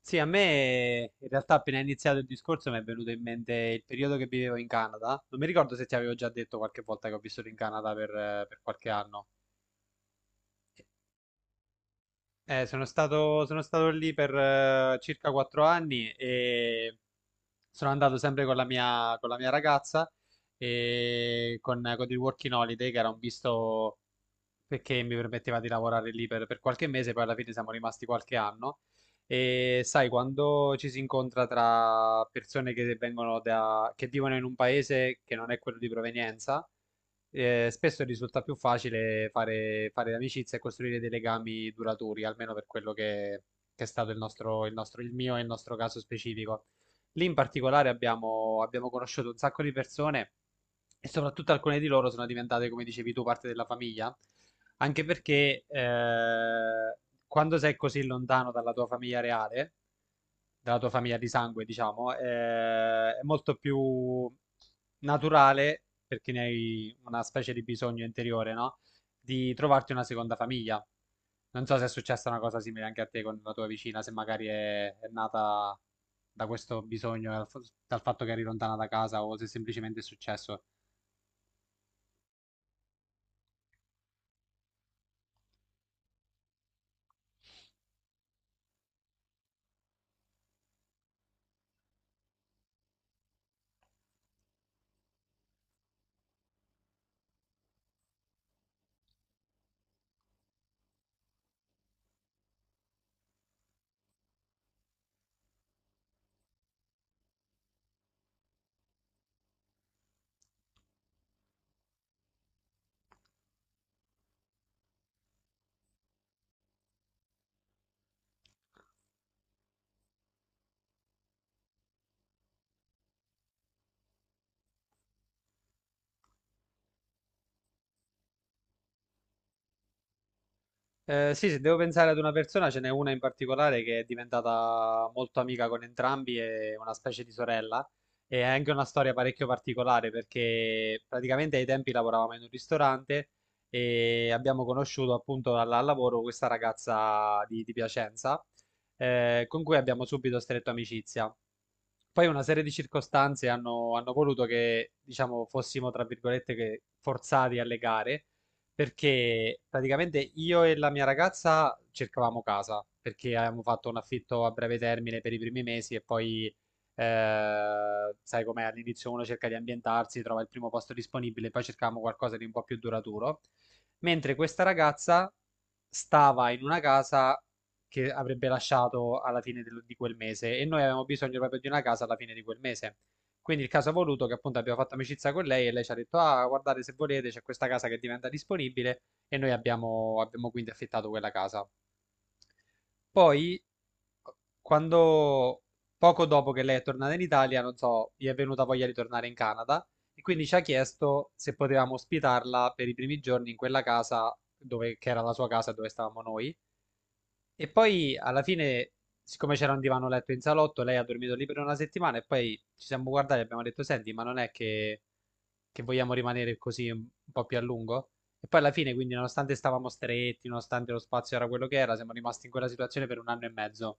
Sì, a me in realtà appena è iniziato il discorso mi è venuto in mente il periodo che vivevo in Canada. Non mi ricordo se ti avevo già detto qualche volta che ho vissuto in Canada per qualche anno. Sono stato lì per circa 4 anni e sono andato sempre con la mia ragazza e con il Working Holiday, che era un visto perché mi permetteva di lavorare lì per qualche mese, poi alla fine siamo rimasti qualche anno. E sai, quando ci si incontra tra persone che vivono in un paese che non è quello di provenienza, spesso risulta più facile fare amicizia e costruire dei legami duraturi, almeno per quello che è stato il mio e il nostro caso specifico. Lì in particolare abbiamo conosciuto un sacco di persone e soprattutto alcune di loro sono diventate, come dicevi tu, parte della famiglia. Anche perché quando sei così lontano dalla tua famiglia reale, dalla tua famiglia di sangue, diciamo, è molto più naturale, perché ne hai una specie di bisogno interiore, no? Di trovarti una seconda famiglia. Non so se è successa una cosa simile anche a te con la tua vicina, se magari è nata da questo bisogno, dal fatto che eri lontana da casa o se semplicemente è successo. Sì, se devo pensare ad una persona, ce n'è una in particolare che è diventata molto amica con entrambi, è una specie di sorella e ha anche una storia parecchio particolare perché praticamente ai tempi lavoravamo in un ristorante e abbiamo conosciuto appunto al lavoro questa ragazza di Piacenza con cui abbiamo subito stretto amicizia. Poi una serie di circostanze hanno voluto che, diciamo, fossimo, tra virgolette, che forzati a legare. Perché praticamente io e la mia ragazza cercavamo casa, perché avevamo fatto un affitto a breve termine per i primi mesi e poi, sai com'è, all'inizio uno cerca di ambientarsi, trova il primo posto disponibile, poi cercavamo qualcosa di un po' più duraturo. Mentre questa ragazza stava in una casa che avrebbe lasciato alla fine di quel mese e noi avevamo bisogno proprio di una casa alla fine di quel mese. Quindi il caso ha voluto che appunto abbiamo fatto amicizia con lei e lei ci ha detto, ah, guardate se volete, c'è questa casa che diventa disponibile e noi abbiamo quindi affittato quella casa. Poi, quando, poco dopo che lei è tornata in Italia, non so, gli è venuta voglia di tornare in Canada e quindi ci ha chiesto se potevamo ospitarla per i primi giorni in quella casa che era la sua casa dove stavamo noi. E poi alla fine, siccome c'era un divano letto in salotto, lei ha dormito lì per una settimana e poi ci siamo guardati e abbiamo detto, senti, ma non è che vogliamo rimanere così un po' più a lungo. E poi alla fine, quindi, nonostante stavamo stretti, nonostante lo spazio era quello che era, siamo rimasti in quella situazione per un anno e mezzo.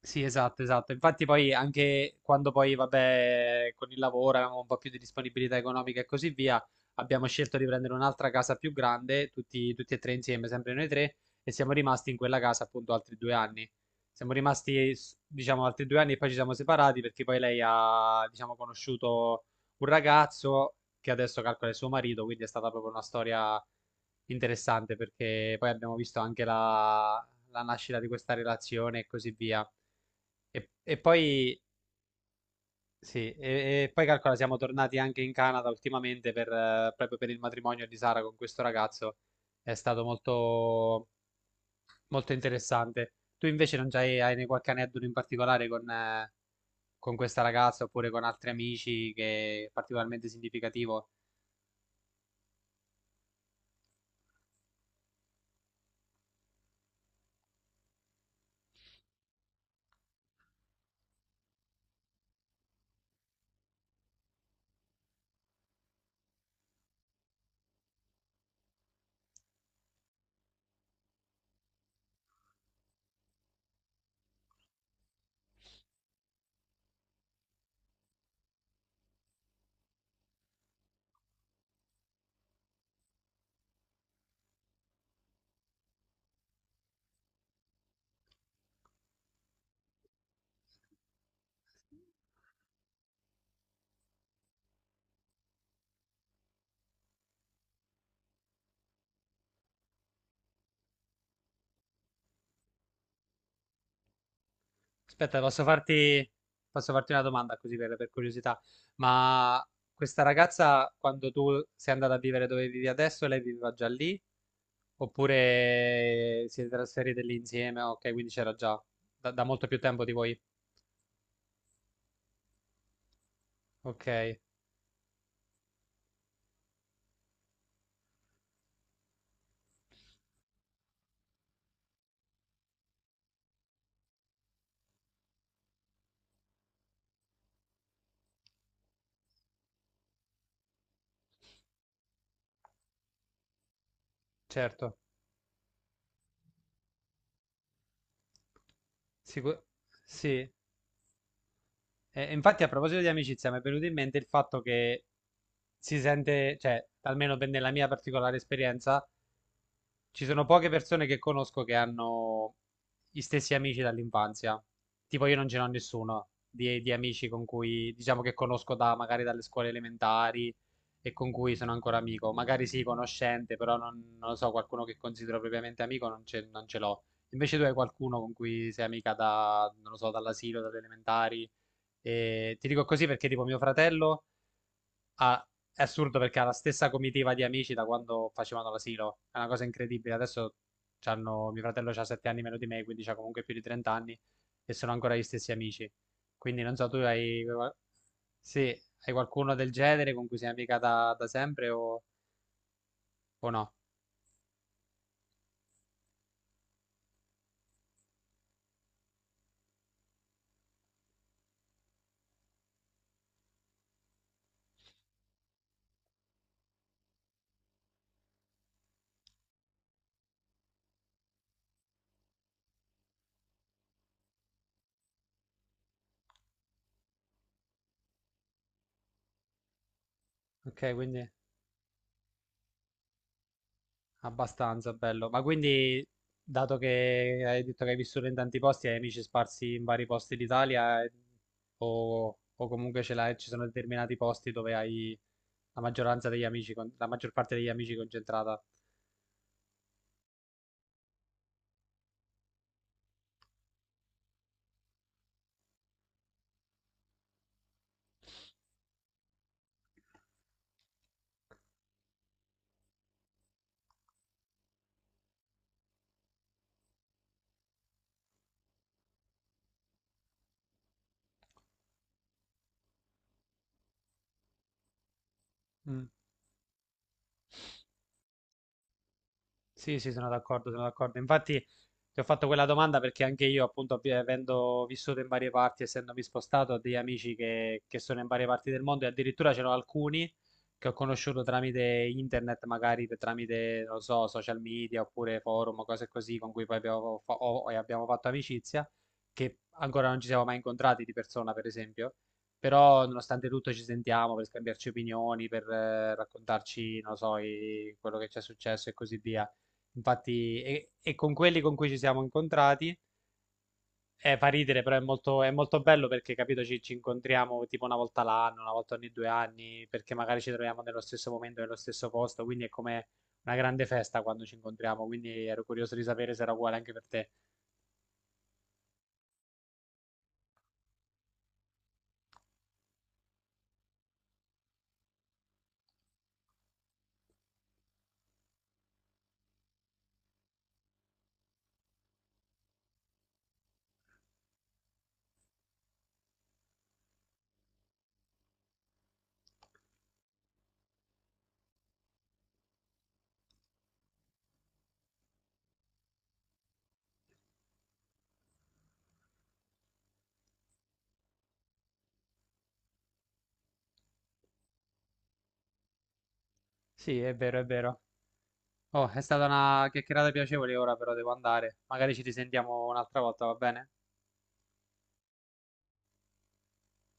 Sì, esatto, esatto. Infatti poi anche quando poi, vabbè, con il lavoro avevamo un po' più di disponibilità economica e così via, abbiamo scelto di prendere un'altra casa più grande, tutti e tre insieme, sempre noi tre, e siamo rimasti in quella casa appunto altri 2 anni. Siamo rimasti, diciamo, altri 2 anni e poi ci siamo separati perché poi lei ha, diciamo, conosciuto un ragazzo che adesso calcola il suo marito, quindi è stata proprio una storia interessante perché poi abbiamo visto anche la nascita di questa relazione e così via. E poi, sì, e poi calcola, siamo tornati anche in Canada ultimamente proprio per il matrimonio di Sara con questo ragazzo. È stato molto, molto interessante. Tu invece non c'hai, hai ne- qualche aneddoto in particolare con questa ragazza oppure con altri amici che è particolarmente significativo? Aspetta, posso farti una domanda così per curiosità. Ma questa ragazza, quando tu sei andata a vivere dove vivi adesso, lei viveva già lì? Oppure siete trasferite lì insieme? Ok, quindi c'era già da molto più tempo di voi. Ok, certo. Sicu- sì. E infatti, a proposito di amicizia, mi è venuto in mente il fatto che si sente, cioè, almeno nella mia particolare esperienza, ci sono poche persone che conosco che hanno gli stessi amici dall'infanzia. Tipo io non ce n'ho nessuno di amici con cui, diciamo che conosco da, magari dalle scuole elementari e con cui sono ancora amico. Magari sì, conoscente, però non lo so, qualcuno che considero propriamente amico non ce l'ho. Invece tu hai qualcuno con cui sei amica da, non lo so, dall'asilo, dalle elementari. E ti dico così perché tipo mio fratello ha- è assurdo perché ha la stessa comitiva di amici da quando facevano l'asilo. È una cosa incredibile. Adesso mio fratello ha 7 anni meno di me, quindi ha comunque più di 30 anni e sono ancora gli stessi amici. Quindi non so, sì, hai qualcuno del genere con cui sei amica da sempre o no? Ok, quindi abbastanza bello. Ma quindi, dato che hai detto che hai vissuto in tanti posti, hai amici sparsi in vari posti d'Italia o comunque ce l'hai, ci sono determinati posti dove hai la maggioranza degli amici, la maggior parte degli amici concentrata. Mm. Sì, sì, sono d'accordo, sono d'accordo. Infatti ti ho fatto quella domanda perché anche io, appunto, avendo vissuto in varie parti, essendomi spostato, ho degli amici che sono in varie parti del mondo e addirittura c'erano alcuni che ho conosciuto tramite internet, magari tramite, non lo so, social media oppure forum, o cose così, con cui poi abbiamo, fa- ho- e abbiamo fatto amicizia, che ancora non ci siamo mai incontrati di persona, per esempio. Però, nonostante tutto, ci sentiamo per scambiarci opinioni, per raccontarci, non lo so, quello che ci è successo e così via. Infatti, e con quelli con cui ci siamo incontrati, fa ridere, però è molto bello perché, capito, ci incontriamo tipo una volta l'anno, una volta ogni 2 anni, perché magari ci troviamo nello stesso momento, nello stesso posto, quindi è come una grande festa quando ci incontriamo, quindi ero curioso di sapere se era uguale anche per te. Sì, è vero, è vero. Oh, è stata una chiacchierata piacevole, ora però devo andare. Magari ci risentiamo un'altra volta, va bene?